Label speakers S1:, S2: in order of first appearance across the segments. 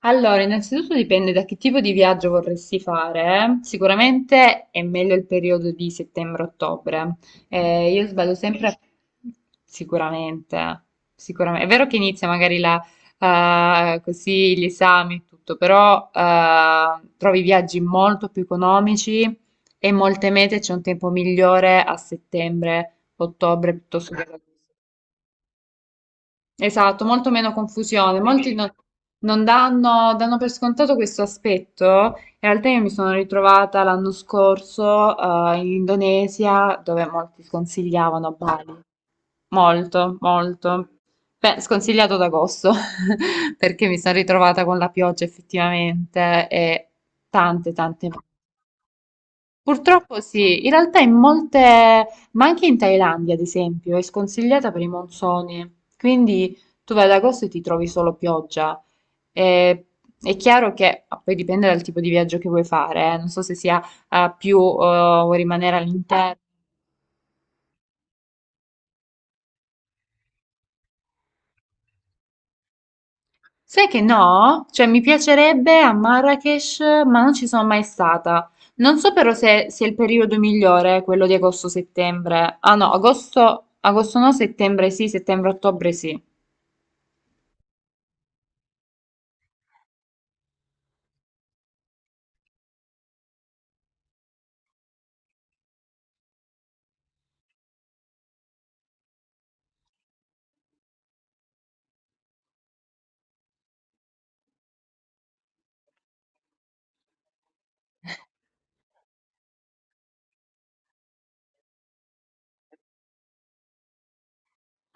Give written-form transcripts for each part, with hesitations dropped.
S1: Allora, innanzitutto dipende da che tipo di viaggio vorresti fare. Sicuramente è meglio il periodo di settembre-ottobre. Io sbaglio sempre, sicuramente, sicuramente. È vero che inizia magari la, così gli esami e tutto, però trovi viaggi molto più economici e in molte mete c'è un tempo migliore a settembre-ottobre piuttosto che ad agosto. Esatto, molto meno confusione. Molti, quindi, non danno, danno per scontato questo aspetto. In realtà io mi sono ritrovata l'anno scorso, in Indonesia, dove molti sconsigliavano Bali. Molto, molto. Beh, sconsigliato ad agosto, perché mi sono ritrovata con la pioggia effettivamente e tante, tante. Purtroppo sì, in realtà in molte, ma anche in Thailandia ad esempio, è sconsigliata per i monsoni, quindi tu vai ad agosto e ti trovi solo pioggia. E- è chiaro che poi dipende dal tipo di viaggio che vuoi fare. Non so se sia più, vuoi rimanere all'interno. Sai che no? Cioè mi piacerebbe a Marrakesh, ma non ci sono mai stata. Non so però se sia il periodo migliore, quello di agosto-settembre. Ah no, agosto, agosto no, settembre sì, settembre-ottobre sì.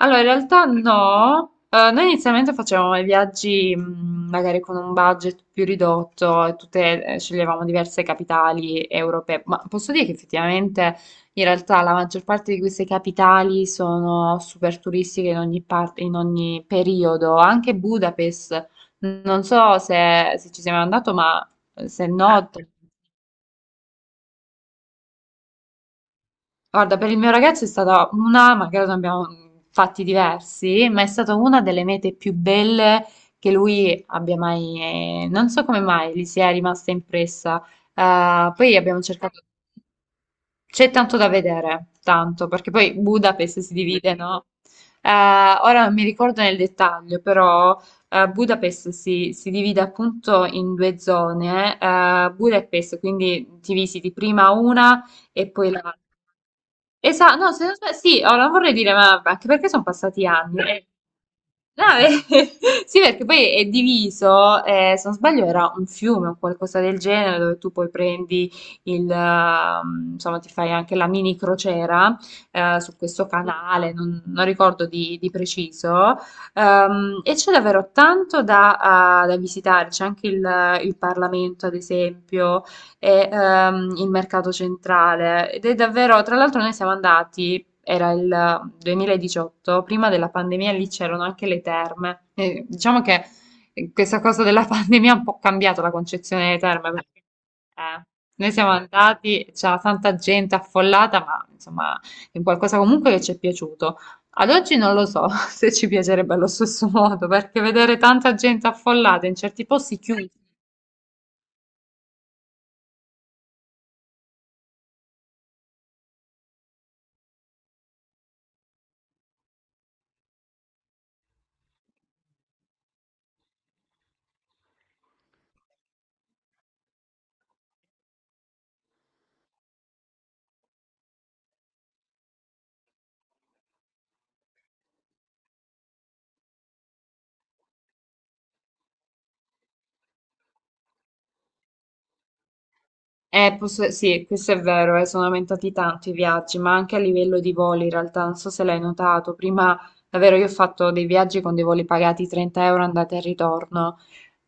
S1: Allora, in realtà no. Noi inizialmente facevamo i viaggi, magari con un budget più ridotto, e tutte, sceglievamo diverse capitali europee, ma posso dire che effettivamente in realtà la maggior parte di queste capitali sono super turistiche in ogni parte, in ogni periodo, anche Budapest. Non so se ci sei mai andato, ma se... no... Guarda, per il mio ragazzo è stata una, magari ne abbiamo fatti diversi, ma è stata una delle mete più belle che lui abbia mai, non so come mai, gli sia rimasta impressa. Poi abbiamo cercato, c'è tanto da vedere, tanto, perché poi Budapest si divide, no? Ora non mi ricordo nel dettaglio, però Budapest si divide appunto in due zone. Budapest, quindi ti visiti prima una e poi la... Esatto, no, se non sbaglio, sì, oh, non vorrei dire, ma anche perché sono passati anni. No, sì, perché poi è diviso, se non sbaglio era un fiume o qualcosa del genere, dove tu poi prendi il, insomma, ti fai anche la mini crociera, su questo canale, non ricordo di preciso, e c'è davvero tanto da visitare, c'è anche il Parlamento, ad esempio, e il mercato centrale, ed è davvero, tra l'altro noi siamo andati, era il 2018. Prima della pandemia lì c'erano anche le terme. E diciamo che questa cosa della pandemia ha un po' cambiato la concezione delle terme, perché eh, noi siamo andati, c'era tanta gente affollata, ma insomma è un qualcosa comunque che ci è piaciuto. Ad oggi non lo so se ci piacerebbe allo stesso modo, perché vedere tanta gente affollata in certi posti chiusi... Sì, questo è vero, sono aumentati tanto i viaggi, ma anche a livello di voli in realtà, non so se l'hai notato, prima davvero io ho fatto dei viaggi con dei voli pagati 30 euro andata e ritorno.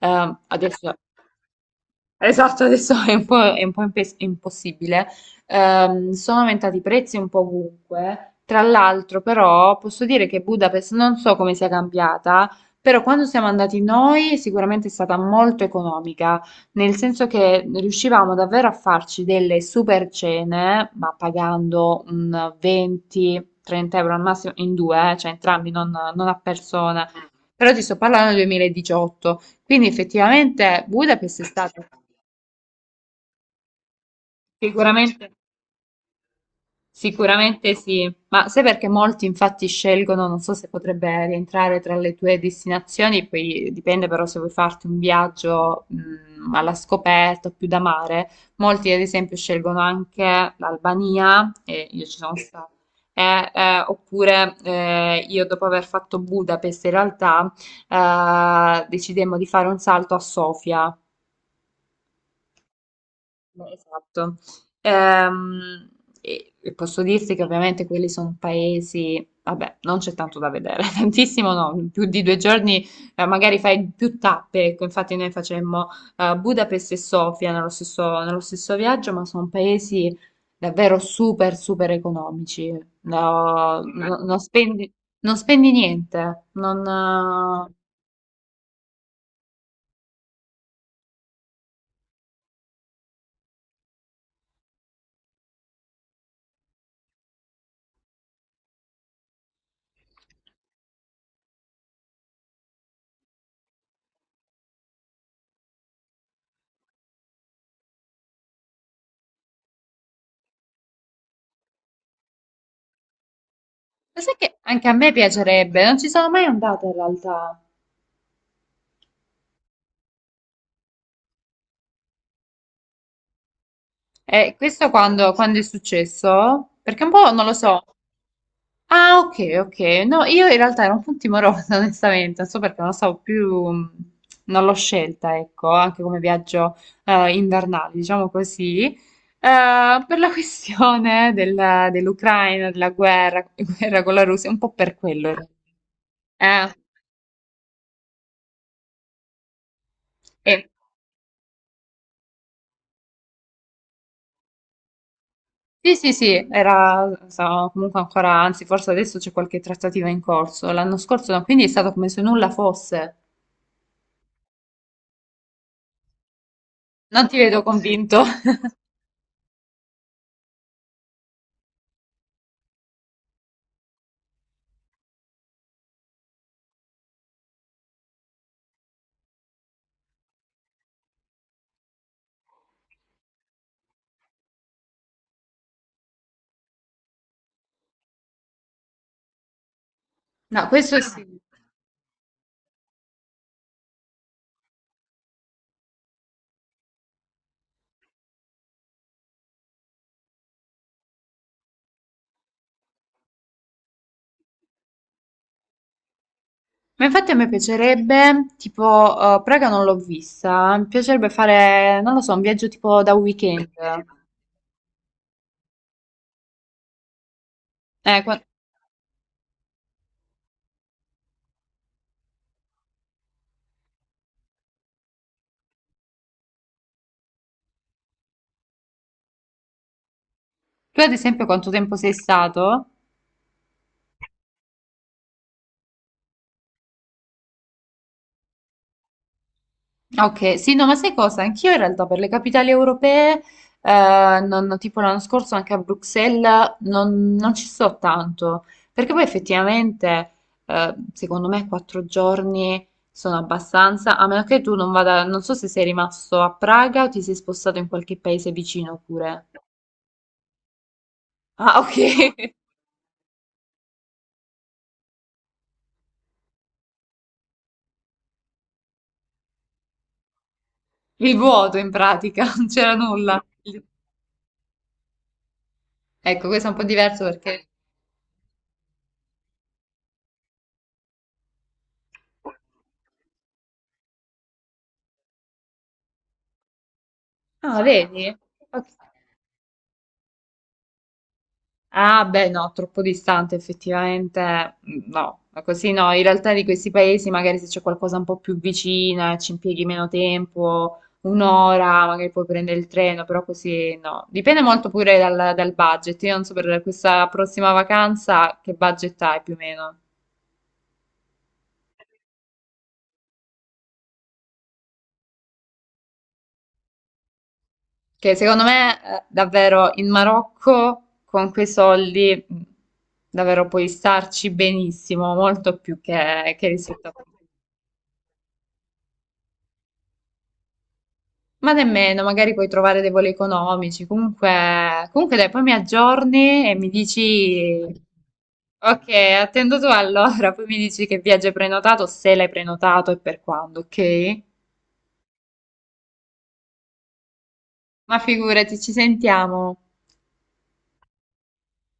S1: Adesso Esatto, adesso è un po', impossibile. Sono aumentati i prezzi un po' ovunque. Tra l'altro, però, posso dire che Budapest non so come sia cambiata, però quando siamo andati noi sicuramente è stata molto economica, nel senso che riuscivamo davvero a farci delle super cene, ma pagando un 20-30 euro al massimo in due, cioè entrambi, non a persona. Però ti sto parlando del 2018. Quindi effettivamente Budapest è stata... sicuramente, sicuramente sì, ma sai perché molti infatti scelgono, non so se potrebbe rientrare tra le tue destinazioni, poi dipende però se vuoi farti un viaggio, alla scoperta o più da mare, molti ad esempio scelgono anche l'Albania, e io ci sono stata, e, oppure io dopo aver fatto Budapest in realtà decidemmo di fare un salto a Sofia. Beh, esatto. Ehm, e posso dirti che ovviamente quelli sono paesi, vabbè, non c'è tanto da vedere, tantissimo no, più di 2 giorni, magari fai più tappe, ecco, infatti noi facemmo Budapest e Sofia nello stesso viaggio, ma sono paesi davvero super, super economici, no, beh, non spendi niente, non... Ma sai che anche a me piacerebbe, non ci sono mai andata in realtà. Questo quando è successo? Perché un po' non lo so. Ah, ok, ok. No, io in realtà ero un po' timorosa, onestamente, non so perché non lo so più, non l'ho scelta, ecco, anche come viaggio invernale, diciamo così. Per la questione dell'Ucraina, della guerra, guerra con la Russia, un po' per quello, in realtà. Eh, eh, sì, sì, sì, era, so, comunque ancora, anzi, forse adesso c'è qualche trattativa in corso. L'anno scorso, no, quindi è stato come se nulla fosse. Non ti vedo convinto. No, questo sì. Ma infatti a me piacerebbe, tipo, Praga non l'ho vista, mi piacerebbe fare, non lo so, un viaggio tipo da weekend. Eh, qua- Tu ad esempio quanto tempo sei stato? Ok, sì, no, ma sai cosa? Anch'io in realtà per le capitali europee, tipo l'anno scorso anche a Bruxelles, non ci sto tanto, perché poi effettivamente, secondo me, 4 giorni sono abbastanza, a meno che tu non vada, non so se sei rimasto a Praga o ti sei spostato in qualche paese vicino pure. Ah, ok, il vuoto in pratica, non c'era nulla. Ecco, questo è un po' diverso perché... Ah, vedi? Ok. Ah, beh, no, troppo distante effettivamente, no, ma così no, in realtà di questi paesi magari se c'è qualcosa un po' più vicina, ci impieghi meno tempo, un'ora, magari puoi prendere il treno, però così no, dipende molto pure dal budget, io non so per questa prossima vacanza che budget hai più o meno, che secondo me davvero in Marocco con quei soldi, davvero puoi starci benissimo, molto più che, rispetto a... Ma nemmeno, magari puoi trovare dei voli economici. Comunque dai, poi mi aggiorni e mi dici, ok, attendo tu allora, poi mi dici che viaggio hai prenotato, se l'hai prenotato e per quando, ok? Ma figurati, ci sentiamo.